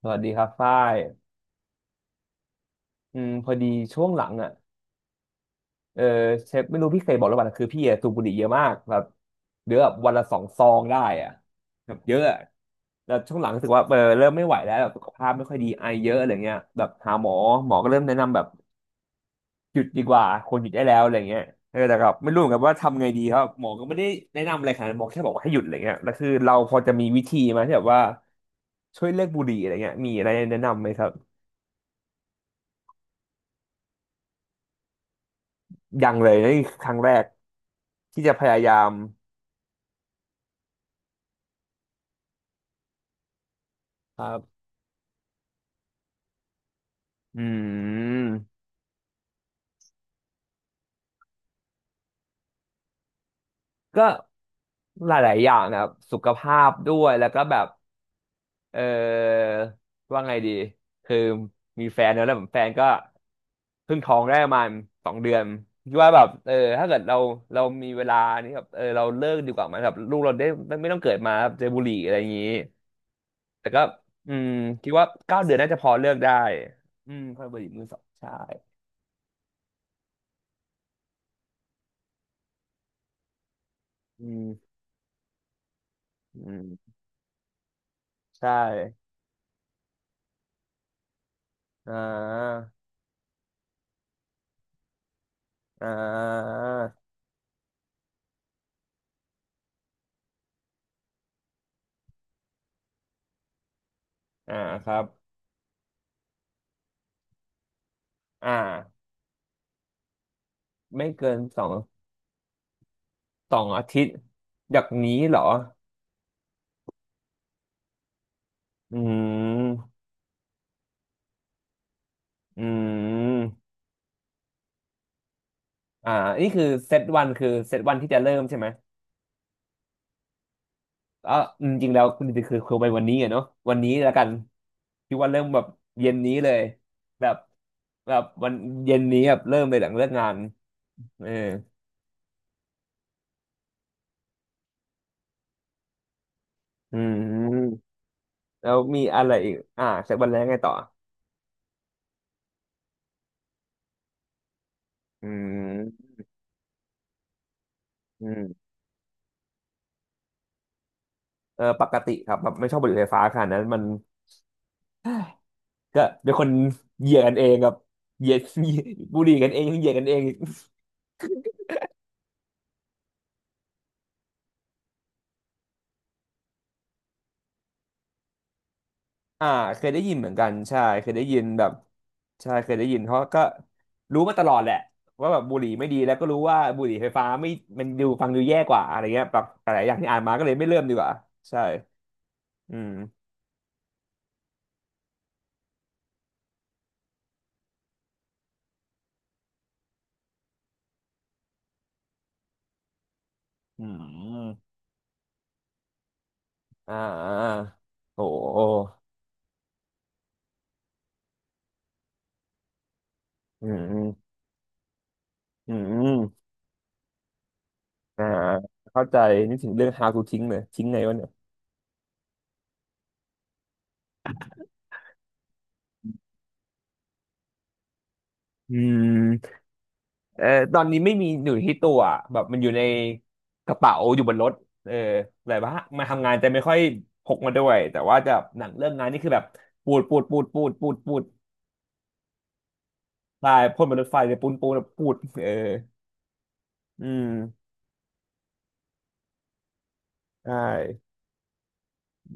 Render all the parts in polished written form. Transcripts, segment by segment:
สวัสดีครับฝ้ายอืมพอดีช่วงหลังอ่ะเออเชฟไม่รู้พี่เคยบอกหรือเปล่านะคือพี่อะสูบบุหรี่เยอะมากแบบเดือนแบบวันละ2 ซองได้อ่ะแบบเยอะอะแล้วช่วงหลังรู้สึกว่าเออเริ่มไม่ไหวแล้วแบบสุขภาพไม่ค่อยดีไอเยอะอะไรเงี้ยแบบหาหมอหมอก็เริ่มแนะนำแบบหยุดดีกว่าควรหยุดได้แล้วอะไรเงี้ยเออแต่แบบไม่รู้เหมือนกันว่าทำไงดีครับหมอก็ไม่ได้แนะนำอะไรขนาดนั้นหมอแค่บอกว่าให้หยุดอะไรเงี้ยแล้วคือเราพอจะมีวิธีไหมที่แบบว่าช่วยเลิกบุหรี่อะไรเงี้ยมีอะไรแนะนำไหมครับ ยังเลยนี่คือครั้งแรกที่จะพยายามครับอืม ก็หลายๆอย่างนะครับสุขภาพด้วยแล้วก็แบบเออว่าไงดีคือมีแฟนแล้วแฟนก็เพิ่งท้องได้ประมาณ2 เดือนคิดว่าแบบเออถ้าเกิดเรามีเวลานี่แบบเออเราเลิกดีกว่าไหมแบบลูกเราได้ไม่ต้องเกิดมาแบบเจอบุหรี่อะไรอย่างนี้แต่ก็อืมคิดว่า9 เดือนน่าจะพอเลิกได้อืมค่อยบุหรี่มือสองใช่อืมอืมใช่อ่าอ่า อ่าครับอ่าไม่เกินสอง2 อาทิตย์จากนี้เหรออืมอืมอ่านี่คือเซตวันที่จะเริ่มใช่ไหมอ๋ออืมจริงแล้วคุณคือไปวันนี้อะเนาะวันนี้แล้วกันคิดว่าเริ่มแบบเย็นนี้เลยแบบแบบวันเย็นนี้แบบเริ่มเลยหลังเลิกงานเอออืมแล้วมีอะไรอีกอ่าเซตวันแรกไงต่ออืมอืมเออปกติครับแบบไม่ชอบบุหรี่ไฟฟ้าขนาดนั้นมัน ก็เป็นคนเหยียดกันเองกับเหยียด บุหรี่กันเองเหยียดกันเองอีกอ่าเคยได้ยินเหมือนกันใช่เคยได้ยินแบบใช่เคยได้ยินเพราะก็รู้มาตลอดแหละว่าแบบบุหรี่ไม่ดีแล้วก็รู้ว่าบุหรี่ไฟฟ้าไม่มันดูฟังดูแย่กว่าอะไรเงี้ยแบบหลายอย่างที่อ่านมาก็เลยไม่เริ่มดีกว่าใช่อืมอืมอ่าอ่าโอ้โหอืมอืมอ่าเข้าใจนึกถึงเรื่อง how to ทิ้งเลยทิ้งไงวะเนี่ยอืม เออตอนนี้ไม่มีอยู่ที่ตัวอะแบบมันอยู่ในกระเป๋าอยู่บนรถเออแต่ว่ามาทำงานจะไม่ค่อยพกมาด้วยแต่ว่าจะหนังเรื่องงานนี่คือแบบปูดปูดปูดปูดปูดปูดตายพ่นบนรถไฟเลยปูนปูนปูดเอออืมได้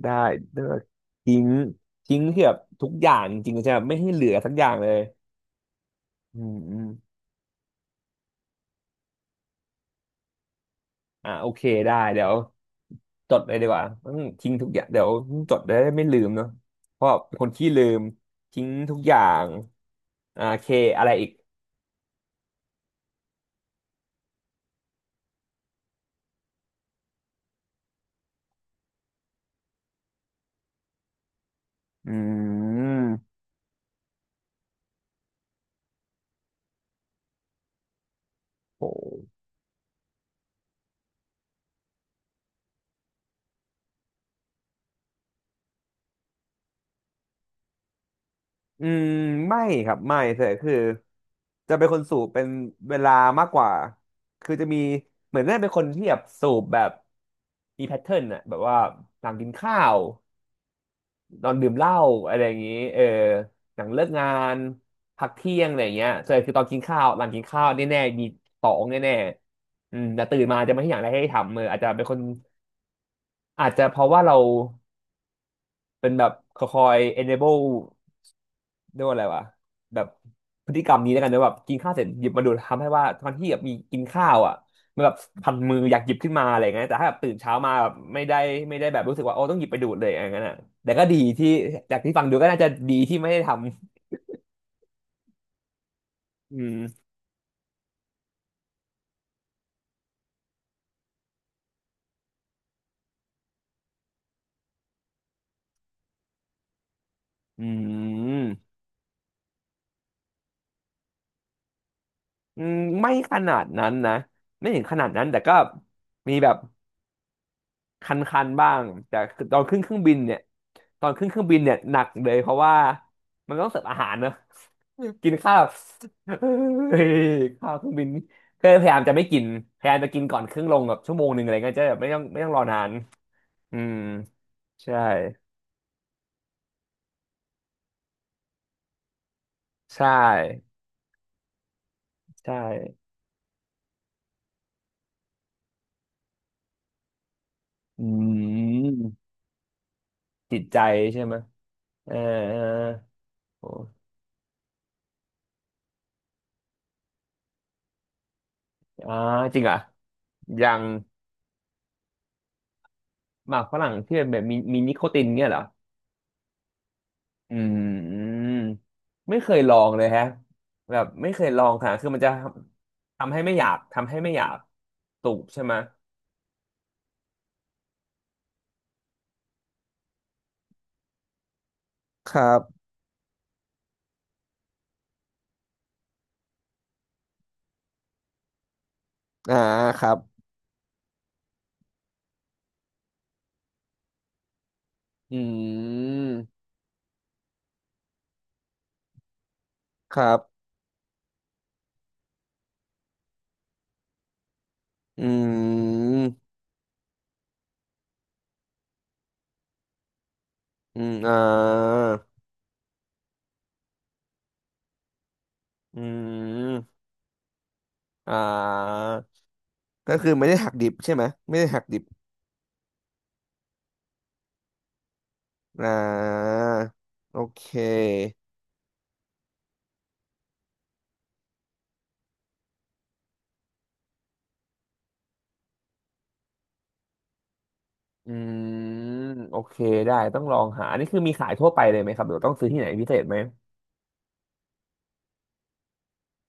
ได้เลือกทิ้งทิ้งเกือบทุกอย่างจริงๆใช่ไหมไม่ให้เหลือสักอย่างเลยอืมอืมอ่าโอเคได้เดี๋ยว จดเลยดีกว่าอืมทิ้งทุกอย่างเดี๋ยวจดได้ไม่ลืมเนาะเพราะเป็นคนขี้ลืมทิ้งทุกอย่างอ่าโอเคอะไรอีกอืมโหอืมไม่ครับไม่แต่คือจะเป็นคนสูบเป็นเวลามากกว่าคือจะมีเหมือนได้เป็นคนที่แบบสูบแบบมีแพทเทิร์นอะแบบว่าหลังกินข้าว นอนดื่มเหล้าอะไรอย่างนี้เออหลังเลิกงานพักเที่ยงอะไรอย่างเงี้ยส่วนใหญ่คือตอนกินข้าวหลังกินข้าวแน่ๆมีตองแน่ๆอืมแต่ตื่นมาจะไม่ให้อย่างไรให้ทำเอออาจจะเป็นคนอาจจะเพราะว่าเราเป็นแบบคอย enable เรียกว่าอะไรวะแบบพฤติกรรมนี้แล้วกันนะแบบกินข้าวเสร็จหยิบมาดูทำให้ว่าตอนที่แบบมีกินข้าวอ่ะมันแบบพันมืออยากหยิบขึ้นมาอะไรอย่างเงี้ยแต่ถ้าแบบตื่นเช้ามาแบบไม่ได้แบบรู้สึกว่าโอ้ต้องหยิบไปดูดเลยอย่างเงี้ยนะแต่ก็ดีที่จากที่ฟังดูก็น่าจะดีที่ไม่ได้ทำ อืมอืมอืมไม่ขนาดนั้นนะไม่ถึงขนาดนั้นแต่ก็มีแบบคันๆบ้างแต่ตอนขึ้นเครื่องบินเนี่ยตอนขึ้นเครื่องบินเนี่ยหนักเลยเพราะว่ามันต้องเสิร์ฟอาหารเนอะ กินข้าวเฮ้ยข้าวเครื่องบินก็พยายามจะไม่กินพยายามจะกินก่อนเครื่องลงแบบ1 ชั่วโมงอะไรเงี้ยจะแบบไม่ต้องรอนานอืมใช่ใช่ใช่อืมจิตใจใช่ไหมเออเออโห อ่าจริงเหรอ่ะอย่างหมากฝรั่งที่เป็นแบบมีนิโคตินเนี่ยเหรออืมไม่เคยลองเลยฮะแบบไม่เคยลองค่ะคือมันจะทำให้ไม่อยากทำให้ไม่อยากสูบใช่ไหมครับอ่าครับอืมครับอืมอืมอ่าอืมอ่าก็คือไม่ได้หักดิบใช่ไหมไม่ได้หักดิบอ่าโอเค อืมโอเคได้ต้องลองหาอันนี้คือมีขายทั่วไปเลยไหมครับหรือต้องซื้อที่ไหนพิเศษไหม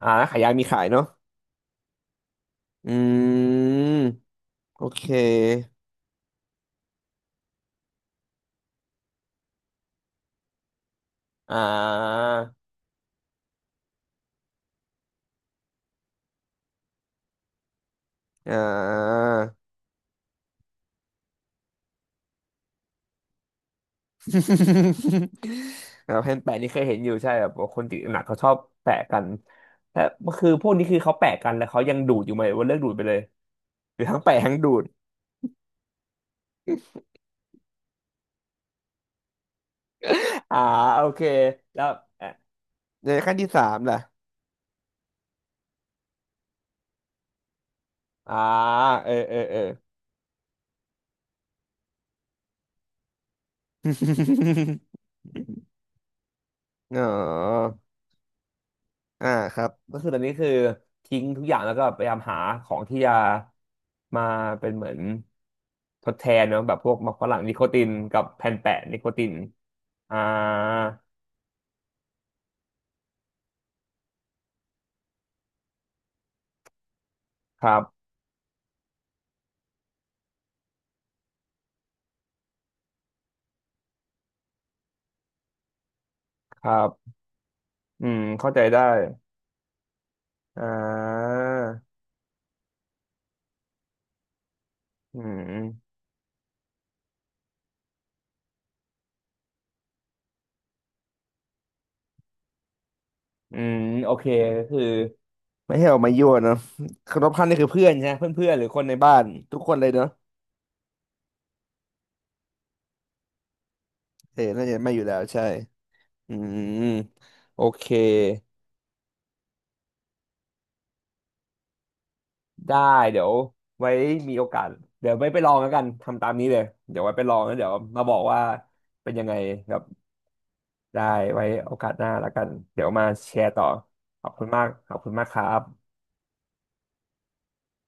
อ่าร้านขายยามีขายเนาะอืมโอเคอ่าอ่า แล้วแผ่นแปะนี่เคยเห็นอยู่ใช่แบบว่าคนติดหนักเขาชอบแปะกันแต่คือพวกนี้คือเขาแปะกันแล้วเขายังดูดอยู่ไหมหรือว่าเลิกดูดไปเลยหรือทั้งแปะทั้งดูดอ่าโอเคแล้วอ่ะในขั้นที่สามล่ะอ่าเออเออเออ อ๋ออ่าครับก็คือตอนนี้คือทิ้งทุกอย่างแล้วก็พยายามหาของที่จะมาเป็นเหมือนทดแทนเนาะแบบพวกมะฝรั่งนิโคตินกับแผ่นแปะนิโคตินอ่าครับครับอืมเข้าใจได้อ่าอืมอืมโอเคก็คือไม่ให้ออกมายั่วเนาะ คนรอบข้างนี่คือเพื่อนใช่ไหมเพื่อนเพื่อนหรือคนในบ้านทุกคนเลยเนาะเออน่าจะไม่อยู่แล้วใช่อืมโอเค ได้เดี๋ยวไว้มีโอกาสเดี๋ยวไว้ไปลองแล้วกันทำตามนี้เลยเดี๋ยวไว้ไปลองแล้วเดี๋ยวมาบอกว่าเป็นยังไงครับได้ไว้โอกาสหน้าแล้วกันเดี๋ยวมาแชร์ต่อขอบคุณมากขอบคุณมากครับ